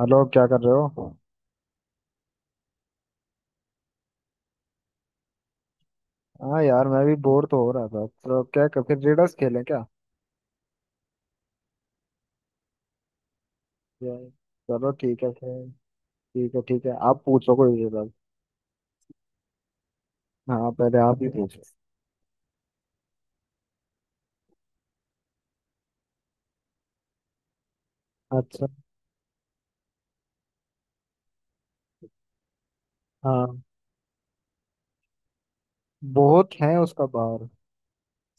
Hello, क्या कर रहे हो। हाँ यार, मैं भी बोर तो हो रहा था तो फिर रिडल्स खेलें क्या। या- चलो, ठीक है फिर। ठीक है, ठीक है, आप पूछो कोई रिडल्स। हाँ, पहले आप ही पूछो। अच्छा। हाँ, बहुत है उसका बाहर।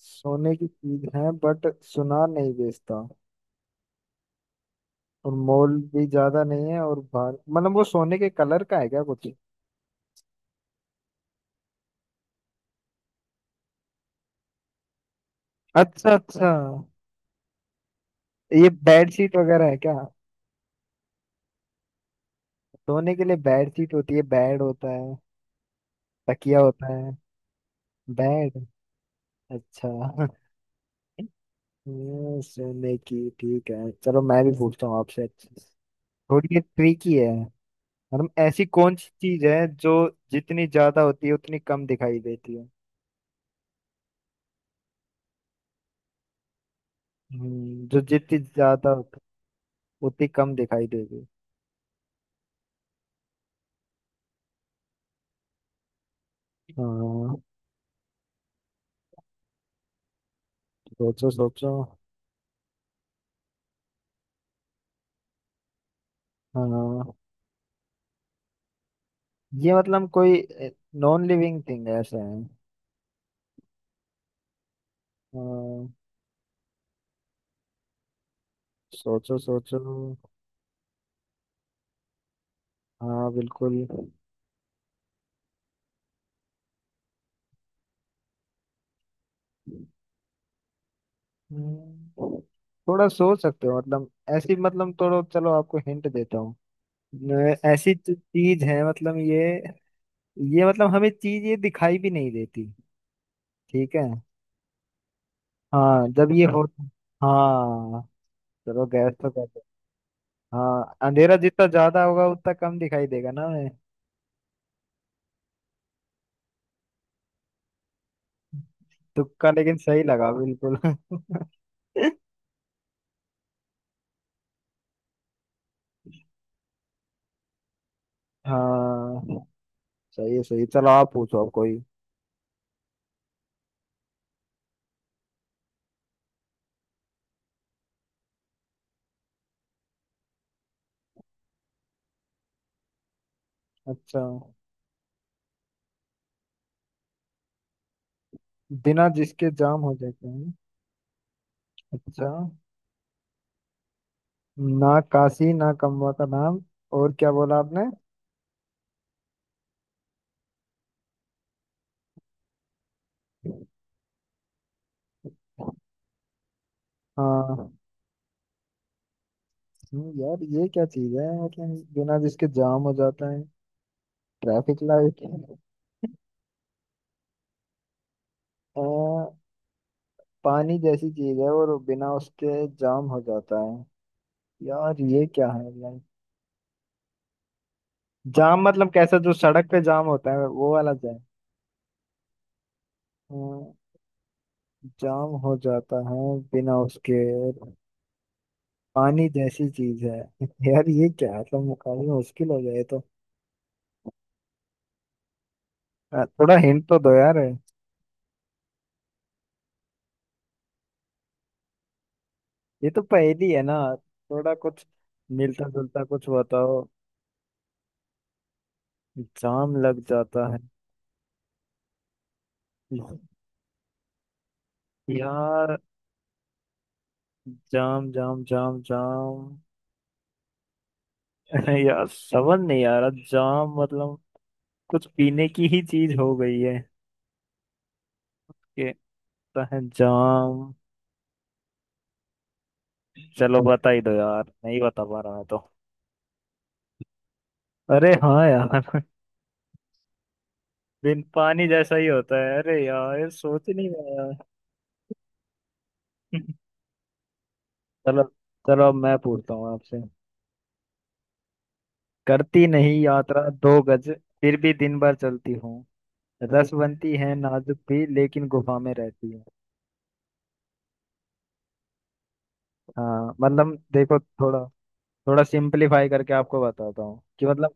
सोने की चीज है, बट सुनार नहीं बेचता, और मोल भी ज्यादा नहीं है। और बाहर मतलब वो सोने के कलर का है क्या कुछ। अच्छा, अच्छा। ये बेड शीट वगैरह है क्या। सोने के लिए बेड शीट होती है, बेड होता है, तकिया होता है। बेड। अच्छा। ये सोने की, ठीक है। चलो मैं भी पूछता हूँ आपसे। थोड़ी ये ट्रिकी है। मतलब ऐसी कौन सी चीज है जो जितनी ज्यादा होती है उतनी कम दिखाई देती है। जो जितनी ज्यादा होती है, उतनी कम दिखाई देती है। हाँ। सोचो सोचो। हाँ, ये मतलब कोई नॉन लिविंग थिंग ऐसा है। हाँ। सोचो सोचो। हाँ, बिल्कुल। हम्म। थोड़ा सोच सकते हो मतलब। ऐसी मतलब, थोड़ा, चलो आपको हिंट देता हूँ। ऐसी चीज है मतलब ये। ये मतलब हमें चीज ये दिखाई भी नहीं देती। ठीक है। हाँ, जब ये हो। हाँ। चलो गैस तो कर दो। हाँ, अंधेरा जितना ज्यादा होगा उतना कम दिखाई देगा ना हमें। तुक्का लेकिन सही लगा बिल्कुल। हाँ। सही है, सही है। चलो आप पूछो अब कोई। अच्छा। बिना जिसके जाम हो जाते हैं। अच्छा। ना काशी, ना कमवा का नाम। और क्या बोला आपने। हाँ। यार ये क्या चीज है मतलब बिना जिसके जाम हो जाता है। Traffic light. आ, पानी जैसी चीज है और बिना उसके जाम हो जाता है। यार ये क्या है लाइक, जाम मतलब कैसा, जो सड़क पे जाम होता है वो वाला जाम। हाँ, जाम हो जाता है बिना उसके, और पानी जैसी चीज है। यार ये क्या है मतलब, मुकाबला मुश्किल हो गया ये तो। थोड़ा हिंट तो दो यार। ये तो पहेली है ना। थोड़ा कुछ मिलता जुलता कुछ बताओ। जाम लग जाता है। यार, जाम जाम जाम जाम। यार समझ नहीं आ रहा, जाम मतलब कुछ पीने की ही चीज हो गई है के, पता है जाम। चलो बता ही दो यार, नहीं बता पा रहा मैं तो। अरे हाँ यार। बिन पानी जैसा ही होता है, अरे यार ये सोच ही नहीं पाया। चलो। चलो अब मैं पूछता हूँ आपसे। करती नहीं यात्रा 2 गज, फिर भी दिन भर चलती हूँ। रस बनती है नाजुक भी, लेकिन गुफा में रहती है। हाँ मतलब देखो, थोड़ा थोड़ा सिंपलीफाई करके आपको बताता हूँ कि मतलब,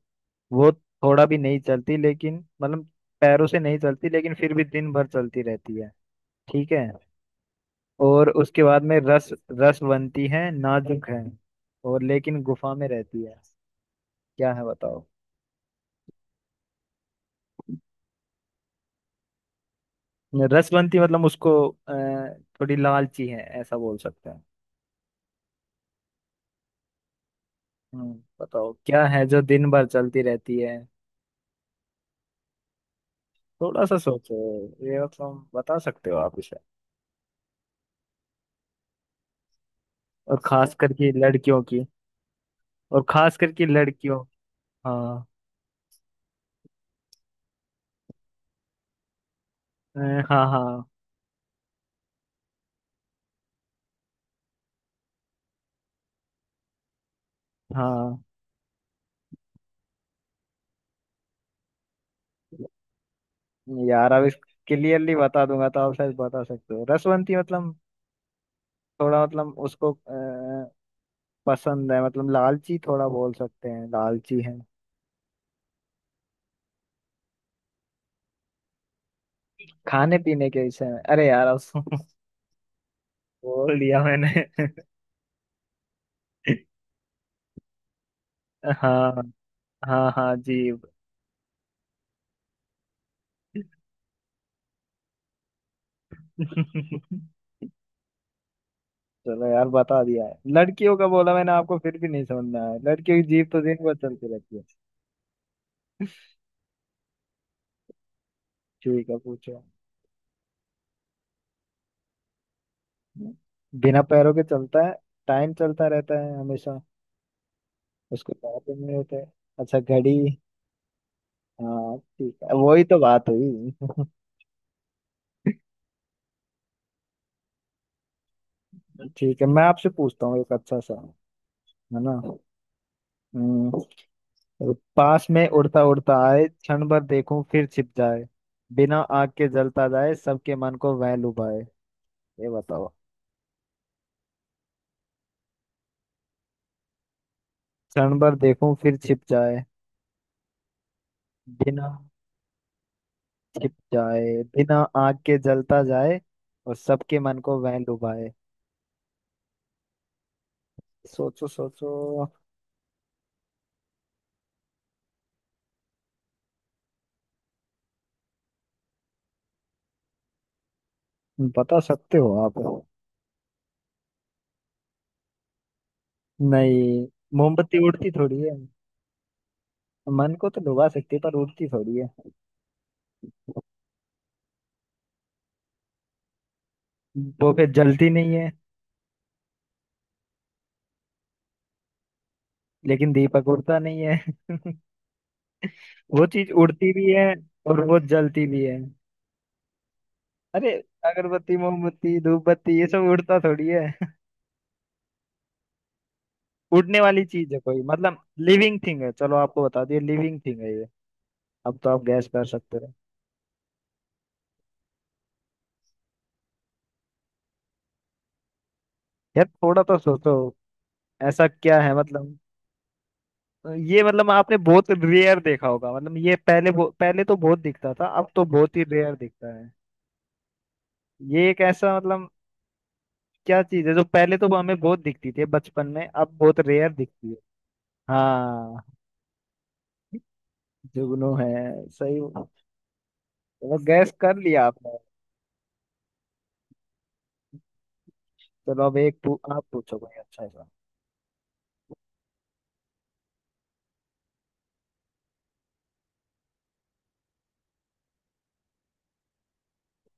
वो थोड़ा भी नहीं चलती लेकिन मतलब, पैरों से नहीं चलती लेकिन फिर भी दिन भर चलती रहती है। ठीक है। और उसके बाद में रस, रस बनती है नाजुक है, और लेकिन गुफा में रहती है। क्या है बताओ। रसवंती मतलब उसको, थोड़ी लालची है ऐसा बोल सकते हैं। हम्म, बताओ क्या है जो दिन भर चलती रहती है। थोड़ा सा सोचो। ये मतलब बता सकते हो आप इसे। और खास करके लड़कियों की। और खास करके लड़कियों। हाँ। अ, हाँ हाँ हाँ। यार अब इस, क्लियरली बता दूंगा तो आप शायद बता सकते हो। रसवंती मतलब थोड़ा, मतलब उसको पसंद है मतलब, लालची थोड़ा बोल सकते हैं, लालची है। खाने पीने के विषय में अरे यार, अब बोल दिया मैंने। हाँ, हाँ, हाँ जी। चलो यार, बता दिया है लड़कियों का बोला मैंने आपको फिर भी नहीं समझ में आया। लड़कियों की जीभ तो दिन भर चलती रहती है। ठीक है, पूछो। बिना पैरों के चलता है, टाइम चलता रहता है हमेशा, उसको पैर भी नहीं होते। अच्छा, घड़ी। हाँ ठीक है, वही तो बात हुई। ठीक है, मैं आपसे पूछता हूँ एक अच्छा सा। है ना। हम्म, पास में उड़ता उड़ता आए, क्षण भर देखूं फिर छिप जाए। बिना आग के जलता जाए, सबके मन को वह लुभाए। ये बताओ। क्षण भर देखूं फिर छिप जाए। बिना, छिप जाए। बिना आग के जलता जाए, और सबके मन को वह लुभाए। सोचो सोचो। बता सकते हो आप। नहीं। मोमबत्ती उड़ती थोड़ी है, मन को तो लुभा सकती है पर उड़ती थोड़ी है। वो फिर जलती नहीं है। लेकिन दीपक उड़ता नहीं है। वो चीज उड़ती भी है, और वो जलती भी है। अरे। अगरबत्ती, मोमबत्ती, धूप बत्ती, ये सब उड़ता थोड़ी है। उड़ने वाली चीज है कोई मतलब। लिविंग थिंग है, चलो आपको बता दिया, लिविंग थिंग है ये। अब तो आप गैस कर सकते हो। यार थोड़ा तो सोचो। ऐसा क्या है मतलब। ये मतलब आपने बहुत रेयर देखा होगा मतलब, ये पहले पहले तो बहुत दिखता था, अब तो बहुत ही रेयर दिखता है। ये एक ऐसा मतलब, क्या चीज है जो पहले तो हमें बहुत दिखती थी बचपन में, अब बहुत रेयर दिखती है। हाँ। जुगनू है। सही। चलो गैस कर लिया आपने। चलो अब एक आप पूछो कोई अच्छा सा।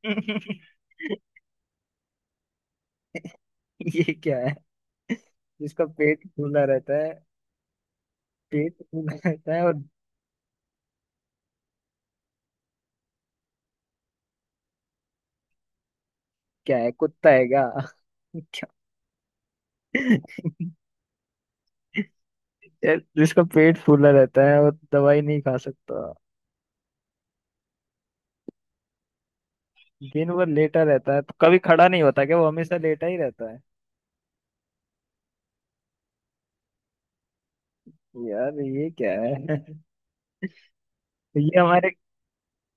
ये क्या है जिसका पेट फूला रहता है। पेट फूला रहता है, और। क्या है, कुत्ता है क्या। क्या। यार जिसका पेट फूला रहता है वो दवाई नहीं खा सकता। दिन भर लेटा रहता है तो कभी खड़ा नहीं होता क्या, वो हमेशा लेटा ही रहता है। यार ये क्या है। ये हमारे,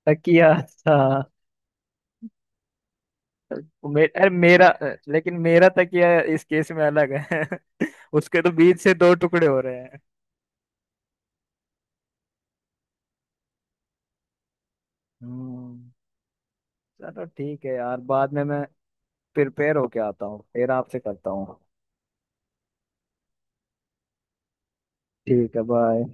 तकिया था। वो अरे मेरा। लेकिन मेरा तकिया इस केस में अलग है। उसके तो बीच से दो टुकड़े हो रहे हैं। हम्म, चलो ठीक है यार, बाद में मैं प्रिपेयर होके आता हूँ फिर आपसे करता हूँ। ठीक है, बाय।